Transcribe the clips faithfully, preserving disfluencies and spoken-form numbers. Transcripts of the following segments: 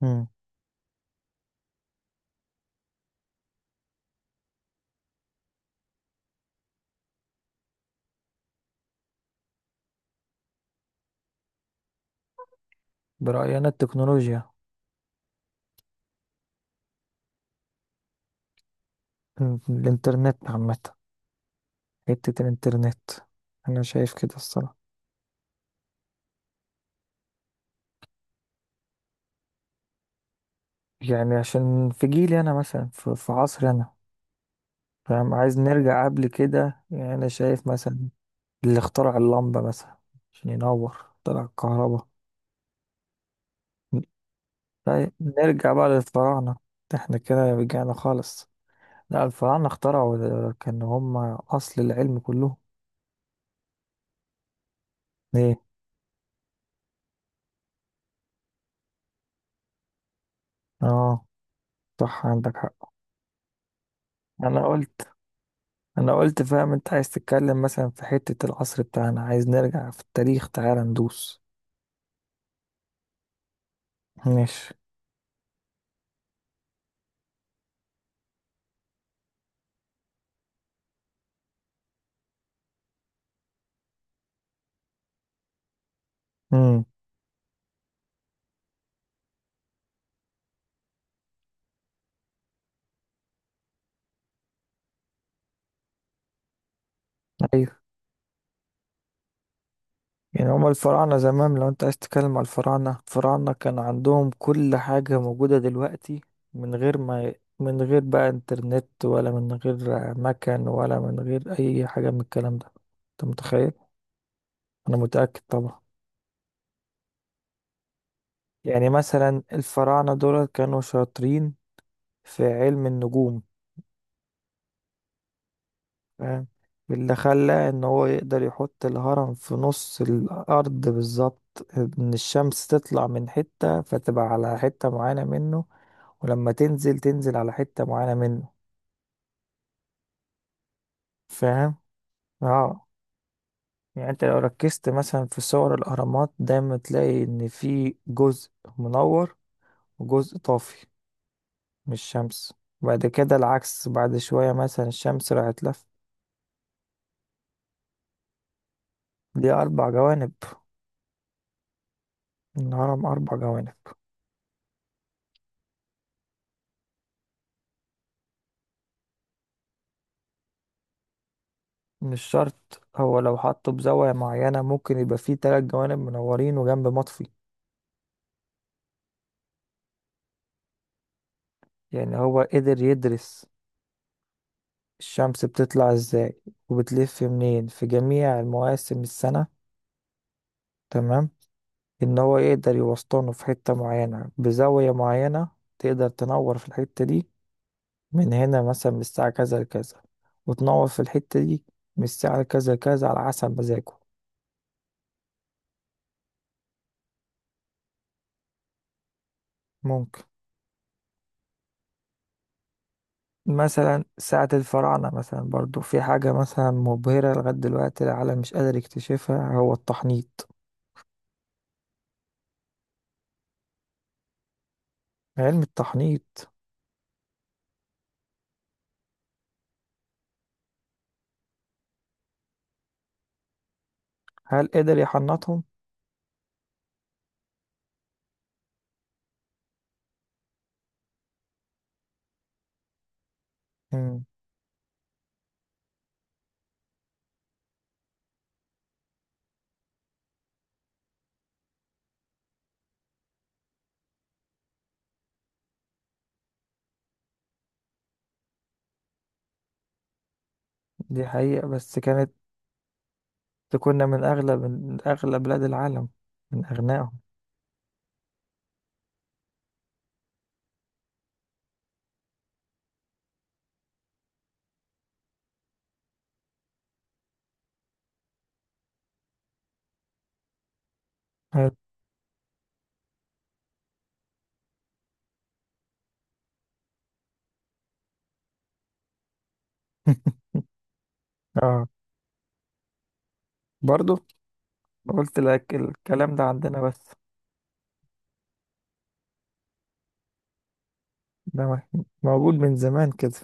مم. برأيي أنا التكنولوجيا. ال- الإنترنت عامة. حتة الإنترنت. أنا شايف كده الصراحة. يعني عشان في جيلي أنا مثلا في, في عصري أنا. فاهم؟ عايز نرجع قبل كده يعني أنا شايف مثلا اللي اخترع اللمبة مثلا عشان ينور طلع الكهرباء. طيب نرجع بقى للفراعنة، احنا كده رجعنا خالص. لا، الفراعنة اخترعوا، كانوا هم أصل العلم كله. ليه؟ اه، صح، عندك حق. أنا قلت انا قلت فاهم انت عايز تتكلم مثلا في حتة العصر بتاعنا، عايز نرجع في التاريخ، تعالى ندوس. ماشي. امم. ايوه. يعني هما الفراعنة زمان لو انت عايز تتكلم على الفراعنة، الفراعنة كان عندهم كل حاجة موجودة دلوقتي، من غير ما من غير بقى انترنت، ولا من غير مكان، ولا من غير اي حاجة من الكلام ده. انت متخيل؟ انا متأكد طبعا. يعني مثلا الفراعنة دول كانوا شاطرين في علم النجوم. فاهم؟ اللي خلى ان هو يقدر يحط الهرم في نص الارض بالظبط ان الشمس تطلع من حتة فتبقى على حتة معينة منه، ولما تنزل تنزل على حتة معينة منه. فاهم؟ اه. يعني انت لو ركزت مثلا في صور الاهرامات دايما تلاقي ان في جزء منور وجزء طافي من الشمس. بعد كده العكس بعد شوية، مثلا الشمس راحت لف. دي أربع جوانب، الهرم أربع جوانب. مش شرط، هو لو حطه بزاوية معينة ممكن يبقى فيه تلات جوانب منورين وجنب مطفي. يعني هو قدر يدرس الشمس بتطلع ازاي وبتلف منين في جميع المواسم السنة. تمام؟ ان هو يقدر يوسطنه في حتة معينة بزاوية معينة، تقدر تنور في الحتة دي من هنا مثلا من الساعة كذا لكذا، وتنور في الحتة دي من الساعة كذا لكذا على حسب مزاجه. ممكن. مثلا ساعة الفراعنة مثلا برضو في حاجة مثلا مبهرة لغاية دلوقتي العالم مش قادر يكتشفها، هو التحنيط. علم التحنيط. هل قدر يحنطهم؟ مم. دي حقيقة، بس كانت كنا من أغلى من أغلى بلاد العالم، من أغناهم. حلو. اه، برضو قلت لك الكلام ده عندنا بس. ده م- موجود من زمان كده.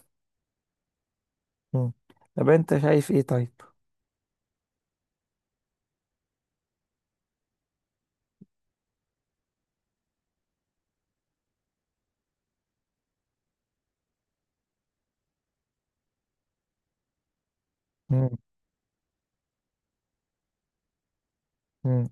مم. طب انت شايف ايه طيب؟ مم. مم.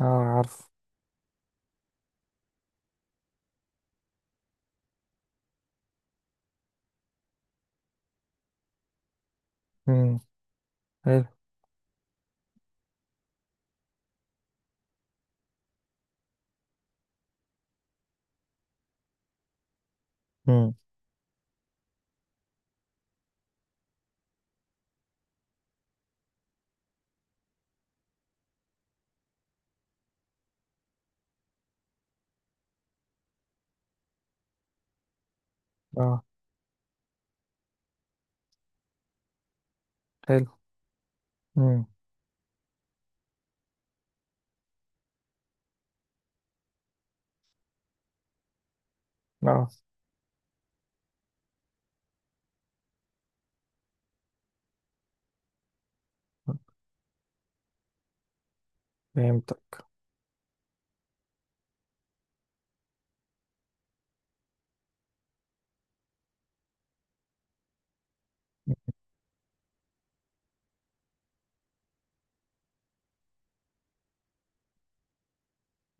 اه، عارف. مم. حلو. مم. اه. حلو. مم. اه، فهمتك.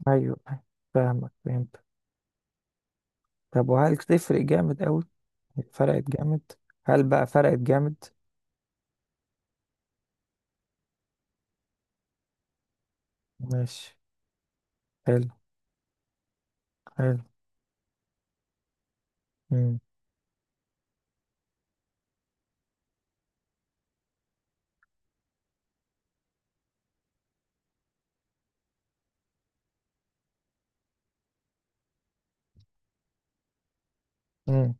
ايوه، فاهمك، فهمتك. طب وهل تفرق جامد قوي؟ فرقت جامد. هل بقى فرقت جامد؟ ماشي. حلو. حلو. امم. امم.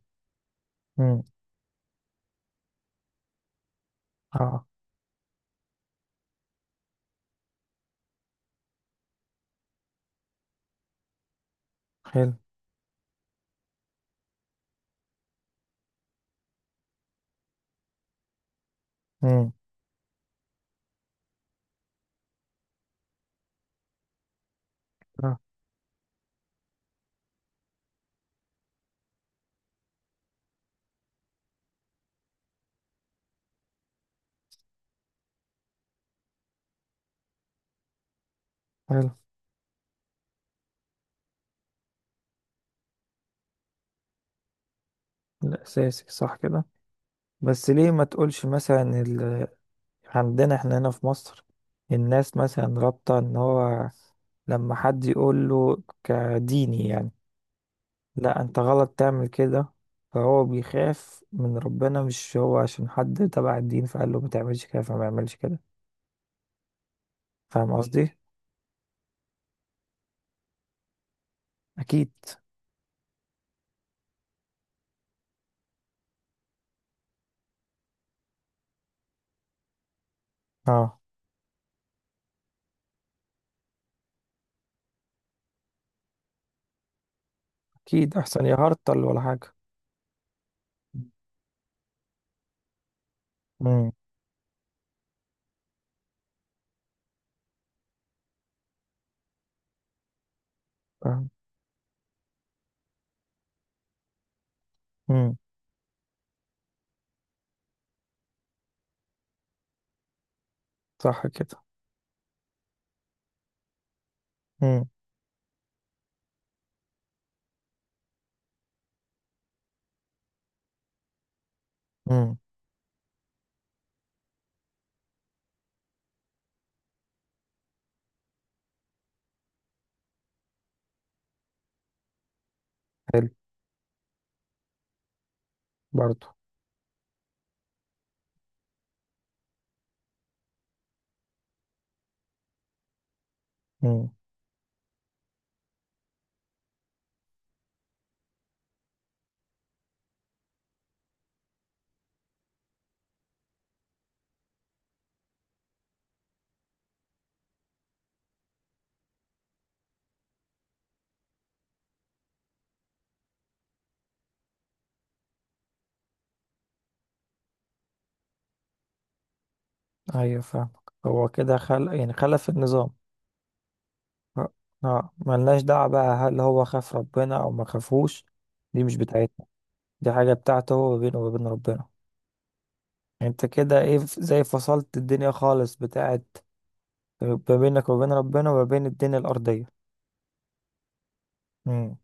امم. اه. حلو. امم. اه. حلو. الاساسي، صح كده. بس ليه ما تقولش مثلا ال... عندنا احنا هنا في مصر، الناس مثلا رابطة ان هو لما حد يقول له كديني يعني لا انت غلط تعمل كده، فهو بيخاف من ربنا، مش هو عشان حد تبع الدين فقال له ما تعملش كده فما يعملش كده. فاهم مم. قصدي؟ اكيد. اه، اكيد، احسن يهرطل ولا حاجه. امم. فاهم. امم. صح كده. امم. امم. حلو. برضو. امم. ايوه، فاهمك، هو كده خلق يعني خلف النظام. اه. آه. ملناش دعوه بقى هل هو خاف ربنا او ما خافوش، دي مش بتاعتنا. دي حاجه بتاعته هو، ما بينه وما بين ربنا. انت كده ايه ف- زي فصلت الدنيا خالص، بتاعت ما بينك وبين ربنا، وما بين الدنيا الأرضية. امم.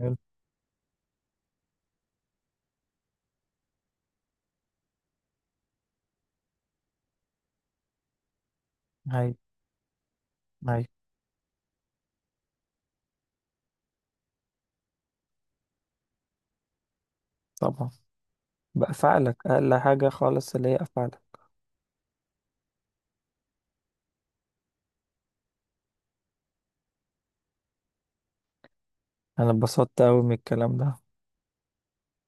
حلو. هاي. هاي. طبعا. بأفعالك، أقل حاجة خالص اللي هي أفعالك. أنا اتبسطت أوي من الكلام ده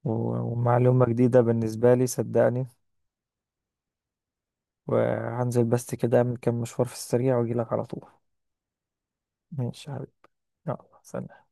و- ومعلومة جديدة بالنسبة لي صدقني. وهنزل بس كده، أعمل كام مشوار في السريع وأجيلك على طول. ماشي يا حبيبي. يلا، سلام.